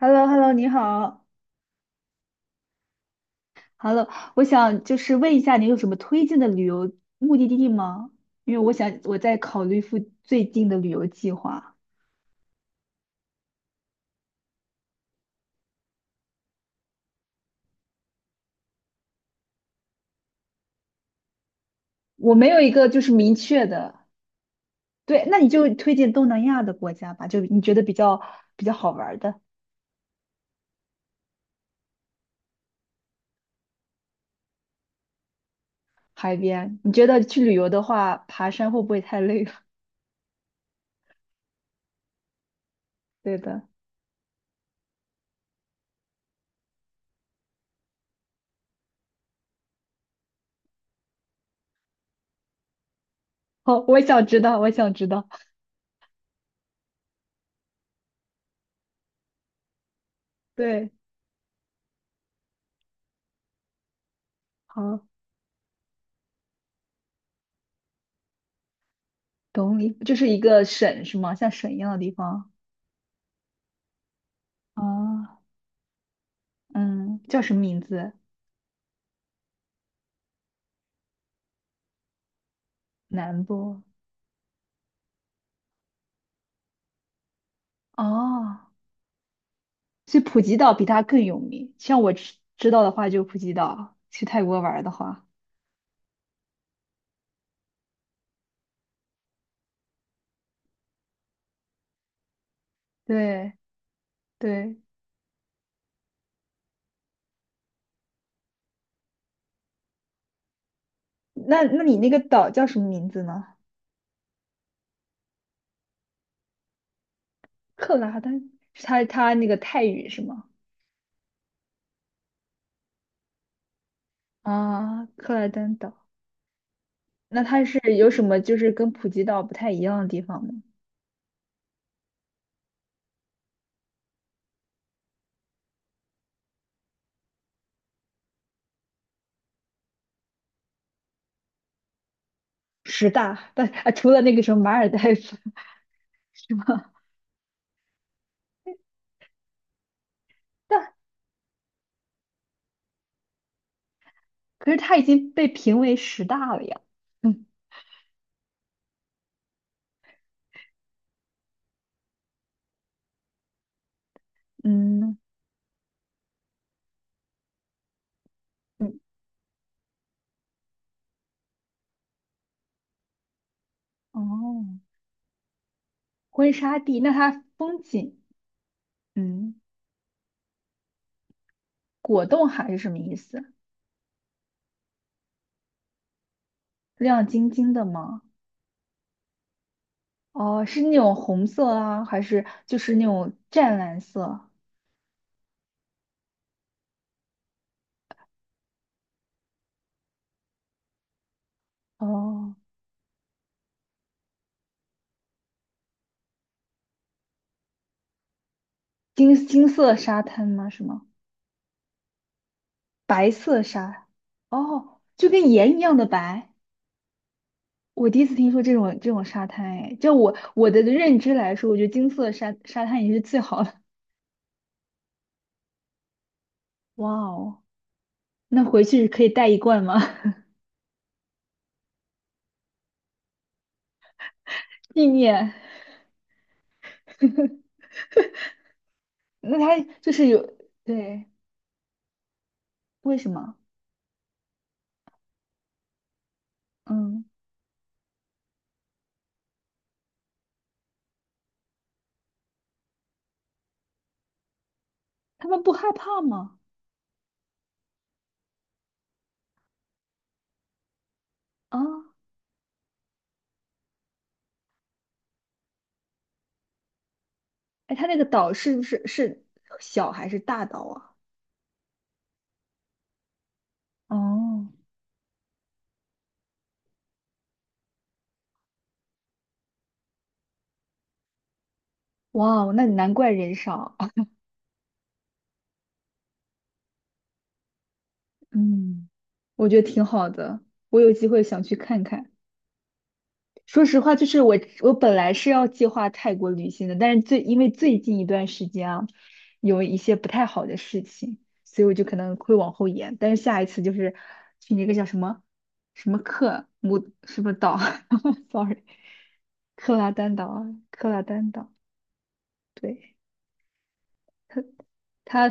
Hello Hello 你好，Hello，我想就是问一下，你有什么推荐的旅游目的地吗？因为我想我在考虑最近的旅游计划，我没有一个就是明确的。对，那你就推荐东南亚的国家吧，就你觉得比较好玩儿的海边。你觉得去旅游的话，爬山会不会太累了？对的，好，我想知道，我想知道。对，好，懂你，就是一个省是吗？像省一样的地方。啊，嗯，叫什么名字？南波哦，所以普吉岛比它更有名。像我知道的话，就普吉岛。去泰国玩儿的话，对对，那你那个岛叫什么名字呢？克拉丹是它那个泰语是吗？啊，克拉丹岛。那它是有什么就是跟普吉岛不太一样的地方吗？十大，但啊，除了那个什么马尔代夫是吗？但可是它已经被评为十大了呀。嗯嗯嗯，哦。婚纱地，那它风景，嗯，果冻海是什么意思？亮晶晶的吗？哦，是那种红色啊，还是就是那种湛蓝色？哦，金色沙滩吗？是吗？白色沙，哦，就跟盐一样的白。我第一次听说这种沙滩，哎，就我的认知来说，我觉得金色沙滩也是最好的。哇哦，那回去可以带一罐吗？纪念。那它就是有，对，为什么？嗯，他们不害怕吗？啊，哎，他那个岛是不是小还是大岛啊？哦，哇，那难怪人少。嗯，我觉得挺好的，我有机会想去看看。说实话，就是我本来是要计划泰国旅行的，但是因为最近一段时间啊，有一些不太好的事情，所以我就可能会往后延。但是下一次就是去那个叫什么什么克姆什么岛 ，sorry，克拉丹岛啊，克拉丹岛，对，它它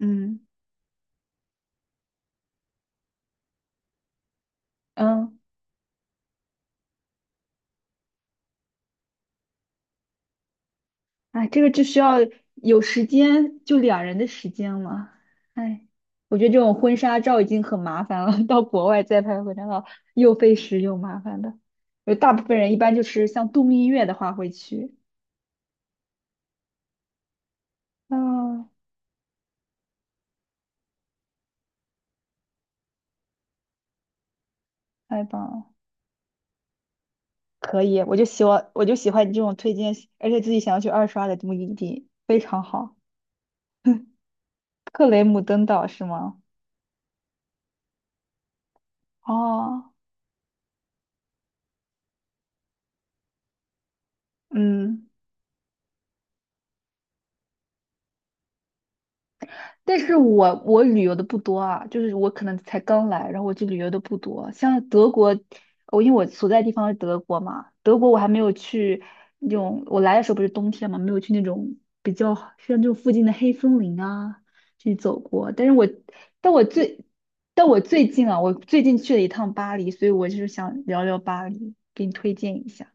嗯嗯。哎，这个就需要有时间，就两人的时间了。哎，我觉得这种婚纱照已经很麻烦了，到国外再拍婚纱照又费时又麻烦的。有大部分人一般就是像度蜜月的话会去。啊，太棒了，可以，我就喜欢，我就喜欢你这种推荐，而且自己想要去二刷的目的地，非常好。克雷姆登岛是吗？哦，嗯。但是我旅游的不多啊，就是我可能才刚来，然后我就旅游的不多。像德国，我因为我所在地方是德国嘛，德国我还没有去那种，我来的时候不是冬天嘛，没有去那种比较像这种附近的黑森林啊去走过。但是我但我最但我最近啊，我最近去了一趟巴黎，所以我就是想聊聊巴黎，给你推荐一下。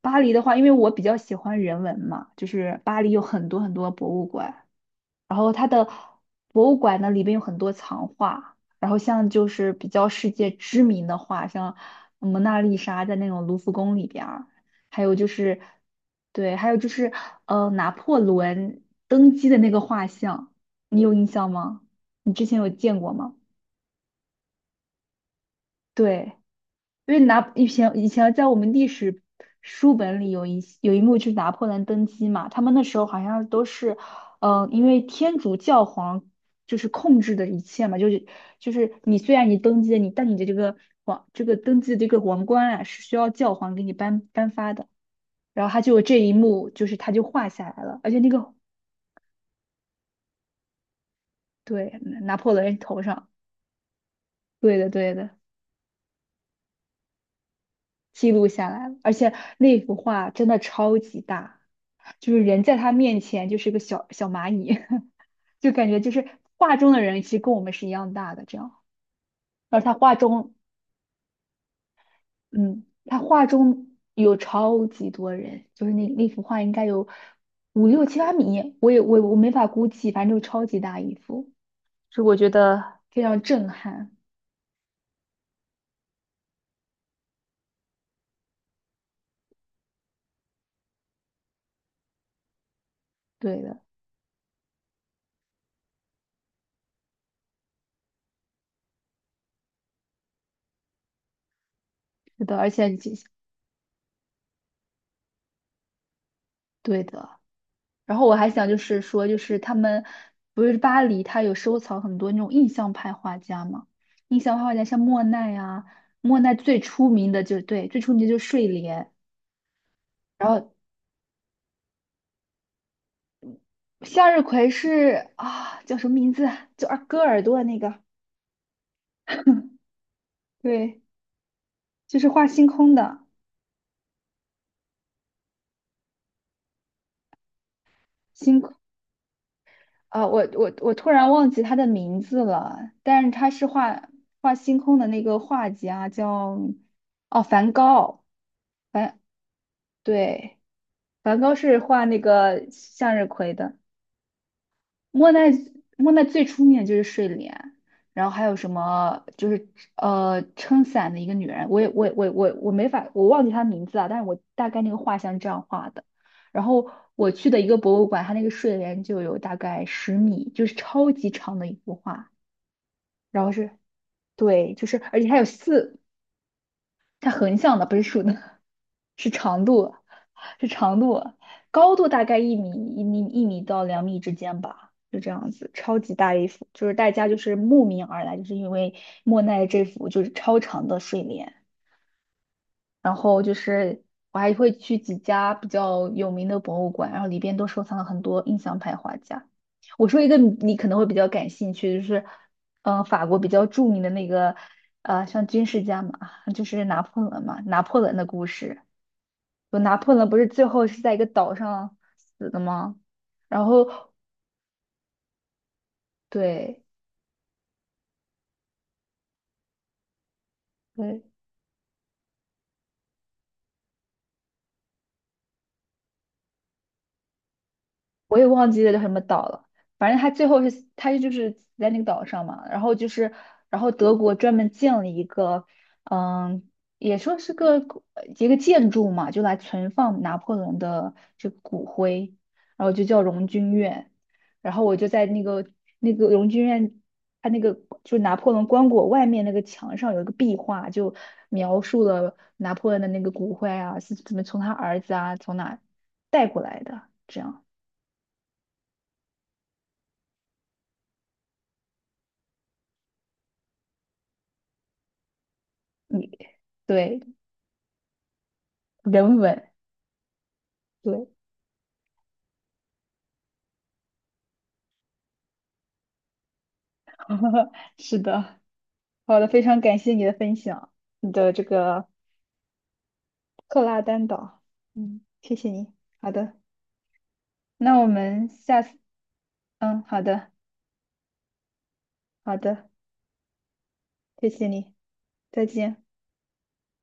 巴黎的话，因为我比较喜欢人文嘛，就是巴黎有很多很多博物馆。然后它的博物馆呢里边有很多藏画，然后像就是比较世界知名的画，像蒙娜丽莎在那种卢浮宫里边儿，还有就是，对，还有就是拿破仑登基的那个画像，你有印象吗？你之前有见过吗？对。因为以前在我们历史书本里有一幕就是拿破仑登基嘛，他们那时候好像都是，因为天主教皇就是控制的一切嘛，就是你虽然你登基了，但你的这个登基的这个王冠啊是需要教皇给你颁发的，然后他就有这一幕，就是他就画下来了，而且对拿破仑头上，对的对的。记录下来了，而且那幅画真的超级大，就是人在他面前就是个小小蚂蚁，就感觉就是画中的人其实跟我们是一样大的这样。而他画中，嗯，他画中有超级多人，就是那幅画应该有5、6、7、8米，我也我没法估计，反正就超级大一幅，就我觉得非常震撼。对的，是的，而且对的。然后我还想就是说，就是他们不是巴黎，他有收藏很多那种印象派画家嘛？印象派画家像莫奈啊，莫奈最出名的就是，对，最出名的就是睡莲。然后向日葵是啊，叫什么名字啊？就二割耳朵的那个，对，就是画星空的星空啊，我突然忘记他的名字了，但是他是画星空的那个画家叫哦梵高，梵对。梵高是画那个向日葵的，莫奈莫奈最出名的就是睡莲，然后还有什么就是撑伞的一个女人，我也我没法我忘记她名字啊，但是我大概那个画像是这样画的。然后我去的一个博物馆，它那个睡莲就有大概10米，就是超级长的一幅画，然后是对，就是而且它有四它横向的不是竖的，是长度，是长度，高度大概一米到两米之间吧，就这样子，超级大一幅，就是大家就是慕名而来，就是因为莫奈这幅就是超长的睡莲。然后就是我还会去几家比较有名的博物馆，然后里边都收藏了很多印象派画家。我说一个你可能会比较感兴趣，就是法国比较著名的那个像军事家嘛，就是拿破仑嘛，拿破仑的故事。就拿破仑不是最后是在一个岛上死的吗？然后对对，我也忘记了叫什么岛了，反正他最后是他就是死在那个岛上嘛，然后德国专门建了一个，嗯，也说是个古呃一个建筑嘛，就来存放拿破仑的这个骨灰，然后就叫荣军院，然后我就在那个荣军院。他那个就是拿破仑棺椁外面那个墙上有一个壁画，就描述了拿破仑的那个骨灰啊，是怎么从他儿子啊从哪带过来的，这样。你对人文，对，是的，好的，非常感谢你的分享，你的这个克拉丹岛，嗯，谢谢你。好的，那我们下次，嗯，好的，好的，谢谢你，再见。